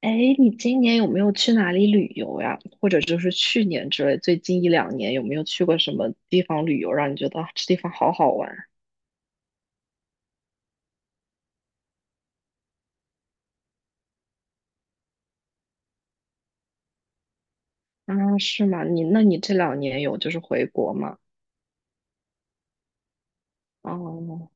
哎，你今年有没有去哪里旅游呀？或者就是去年之类，最近一两年有没有去过什么地方旅游，让你觉得啊这地方好好玩？啊，是吗？你这两年有就是回国吗？哦，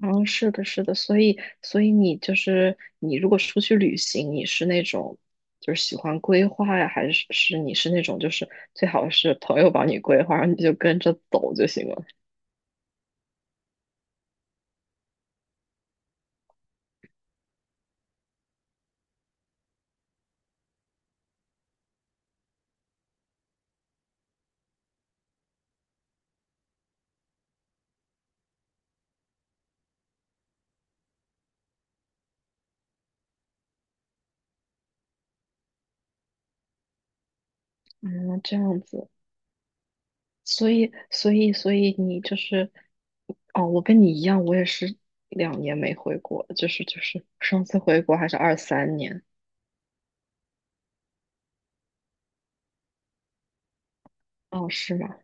哦，是的，是的，所以你就是你如果出去旅行，你是那种就是喜欢规划呀，还是你是那种就是最好是朋友帮你规划，然后你就跟着走就行了？嗯，这样子。所以你就是，哦，我跟你一样，我也是两年没回国，就是上次回国还是二三年，哦，是吗？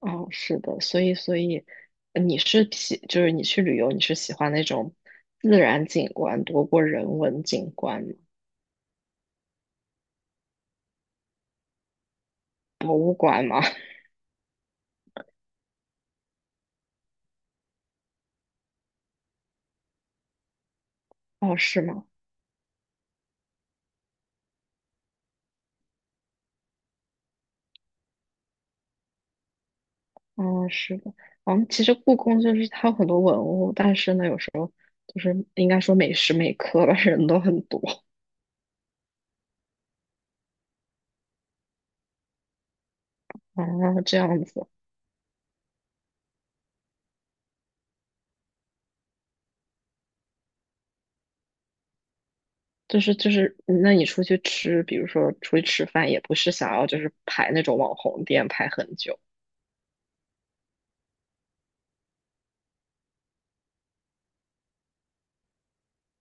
哦，是的，所以，所以你是喜，就是你去旅游，你是喜欢那种自然景观多过人文景观吗？博物馆吗？哦，是吗？哦，是的。嗯，其实故宫就是它有很多文物，但是呢，有时候就是应该说每时每刻吧，人都很多。哦，这样子。就是，那你出去吃，比如说出去吃饭，也不是想要就是排那种网红店排很久，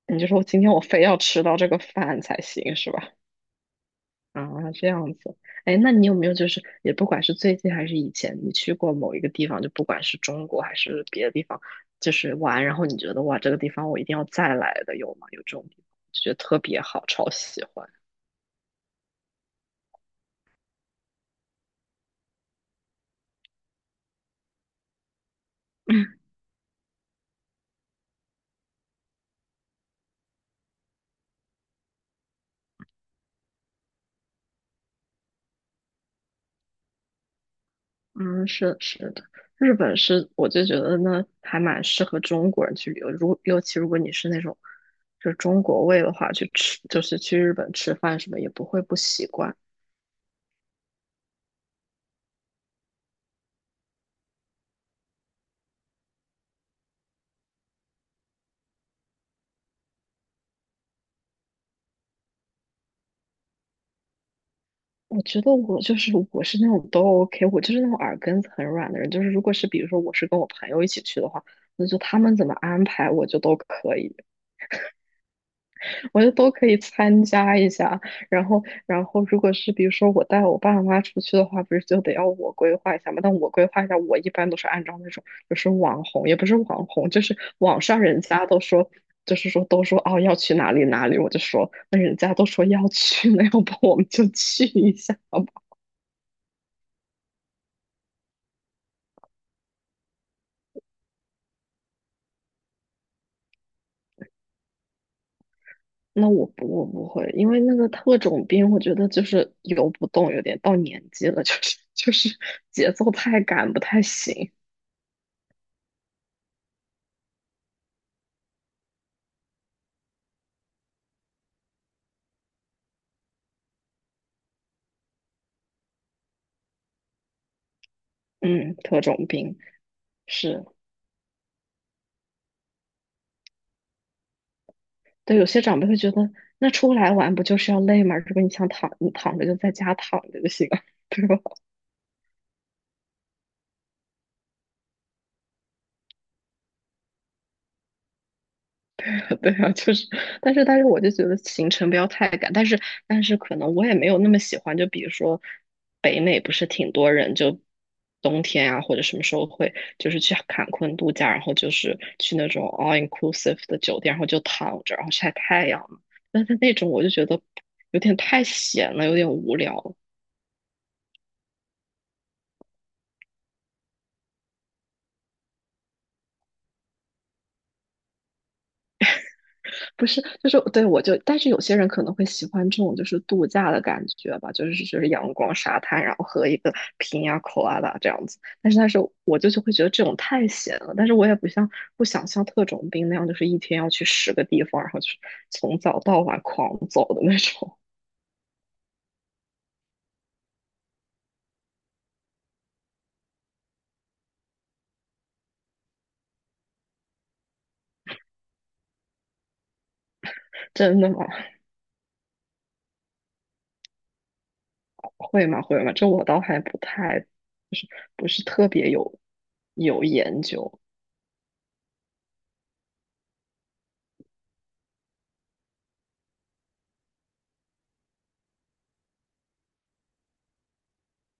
你就说今天我非要吃到这个饭才行，是吧？啊，这样子。哎，那你有没有就是也不管是最近还是以前，你去过某一个地方，就不管是中国还是别的地方，就是玩，然后你觉得哇，这个地方我一定要再来的，有吗？有这种地方，就觉得特别好，超喜欢。嗯，是是的，日本是我就觉得呢，还蛮适合中国人去旅游。如尤其如果你是那种就是中国胃的话，去吃就是去日本吃饭什么也不会不习惯。我觉得我就是我是那种都 OK，我就是那种耳根子很软的人。就是如果是比如说我是跟我朋友一起去的话，那就他们怎么安排我就都可以。我就都可以参加一下。然后如果是比如说我带我爸妈出去的话，不是就得要我规划一下吗？但我规划一下，我一般都是按照那种就是网红，也不是网红，就是网上人家都说，就是说都说哦要去哪里哪里，我就说那人家都说要去，那要不我们就去一下吧。那我不会，因为那个特种兵，我觉得就是游不动，有点到年纪了，就是 就是节奏太赶，不太行。嗯，特种兵。是，对，有些长辈会觉得，那出来玩不就是要累吗？如果你想躺，你躺着就在家躺着就行了，对吧？对啊，就是，但是我就觉得行程不要太赶，但是但是可能我也没有那么喜欢，就比如说北美不是挺多人就冬天啊或者什么时候会就是去坎昆度假，然后就是去那种 all inclusive 的酒店，然后就躺着，然后晒太阳嘛。但是那种我就觉得有点太闲了，有点无聊。不是，就是对我就，但是有些人可能会喜欢这种就是度假的感觉吧，就是阳光沙滩，然后喝一个瓶呀、口啊啦这样子。但是我就会觉得这种太闲了，但是我也不像不想像特种兵那样，就是一天要去十个地方，然后就是从早到晚狂走的那种。真的吗？会吗？这我倒还不太，就是不是特别有研究。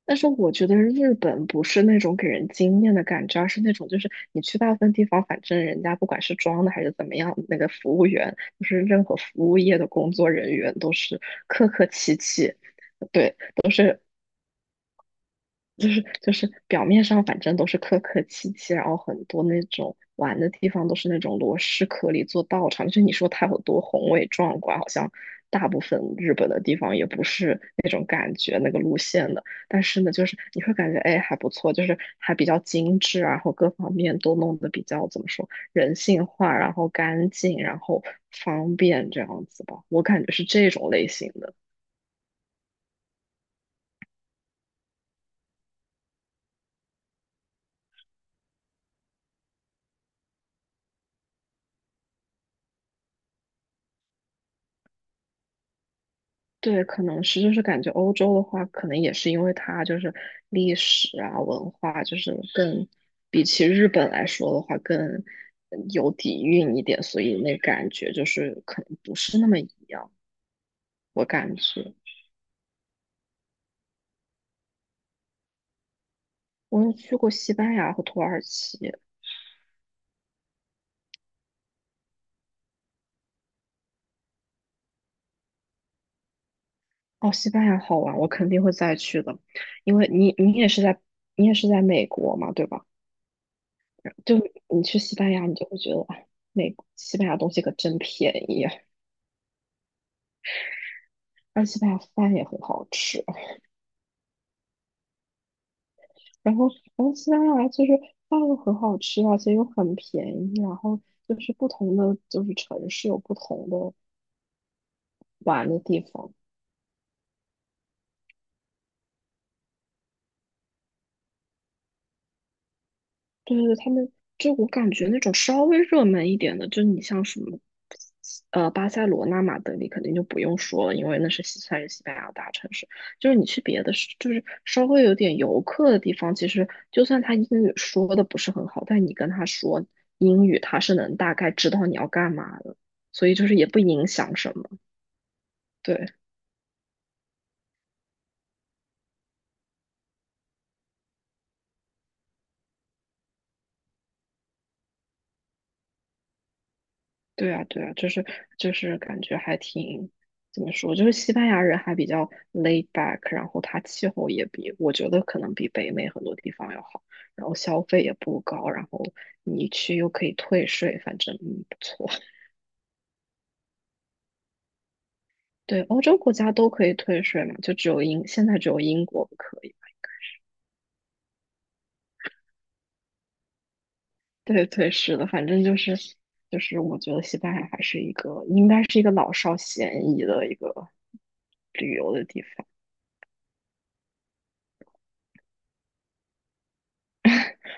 但是我觉得日本不是那种给人惊艳的感觉啊，而是那种就是你去大部分地方，反正人家不管是装的还是怎么样，那个服务员就是任何服务业的工作人员都是客客气气，对。就是表面上反正都是客客气气，然后很多那种玩的地方都是那种螺蛳壳里做道场，就你说它有多宏伟壮观，好像大部分日本的地方也不是那种感觉那个路线的，但是呢，就是你会感觉哎还不错，就是还比较精致啊然后各方面都弄得比较怎么说人性化，然后干净，然后方便这样子吧，我感觉是这种类型的。对，可能是就是感觉欧洲的话，可能也是因为它就是历史啊、文化，就是更比起日本来说的话，更有底蕴一点，所以那感觉就是可能不是那么一样。我感觉我有去过西班牙和土耳其，哦，西班牙好玩，我肯定会再去的，因为你也是在美国嘛，对吧？就你去西班牙，你就会觉得，哎，美西班牙东西可真便宜啊，而且西班牙饭也很好吃。然后，然后西班牙其实饭又很好吃啊，而且又很便宜。然后就是不同的就是城市有不同的玩的地方。对对对，他们就我感觉那种稍微热门一点的，就是你像什么，巴塞罗那、马德里肯定就不用说了，因为那是西算是西班牙大城市。就是你去别的市，就是稍微有点游客的地方，其实就算他英语说的不是很好，但你跟他说英语，他是能大概知道你要干嘛的，所以就是也不影响什么。对。对啊，对啊，就是感觉还挺怎么说，就是西班牙人还比较 laid back，然后它气候也比我觉得可能比北美很多地方要好，然后消费也不高，然后你去又可以退税，反正不错。对，欧洲国家都可以退税嘛，就只有英现在只有英国不可以。对对是的，反正就是就是我觉得西班牙还是一个应该是一个老少咸宜的一个旅游的地方。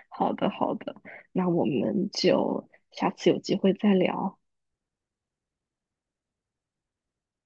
好的，好的，那我们就下次有机会再聊。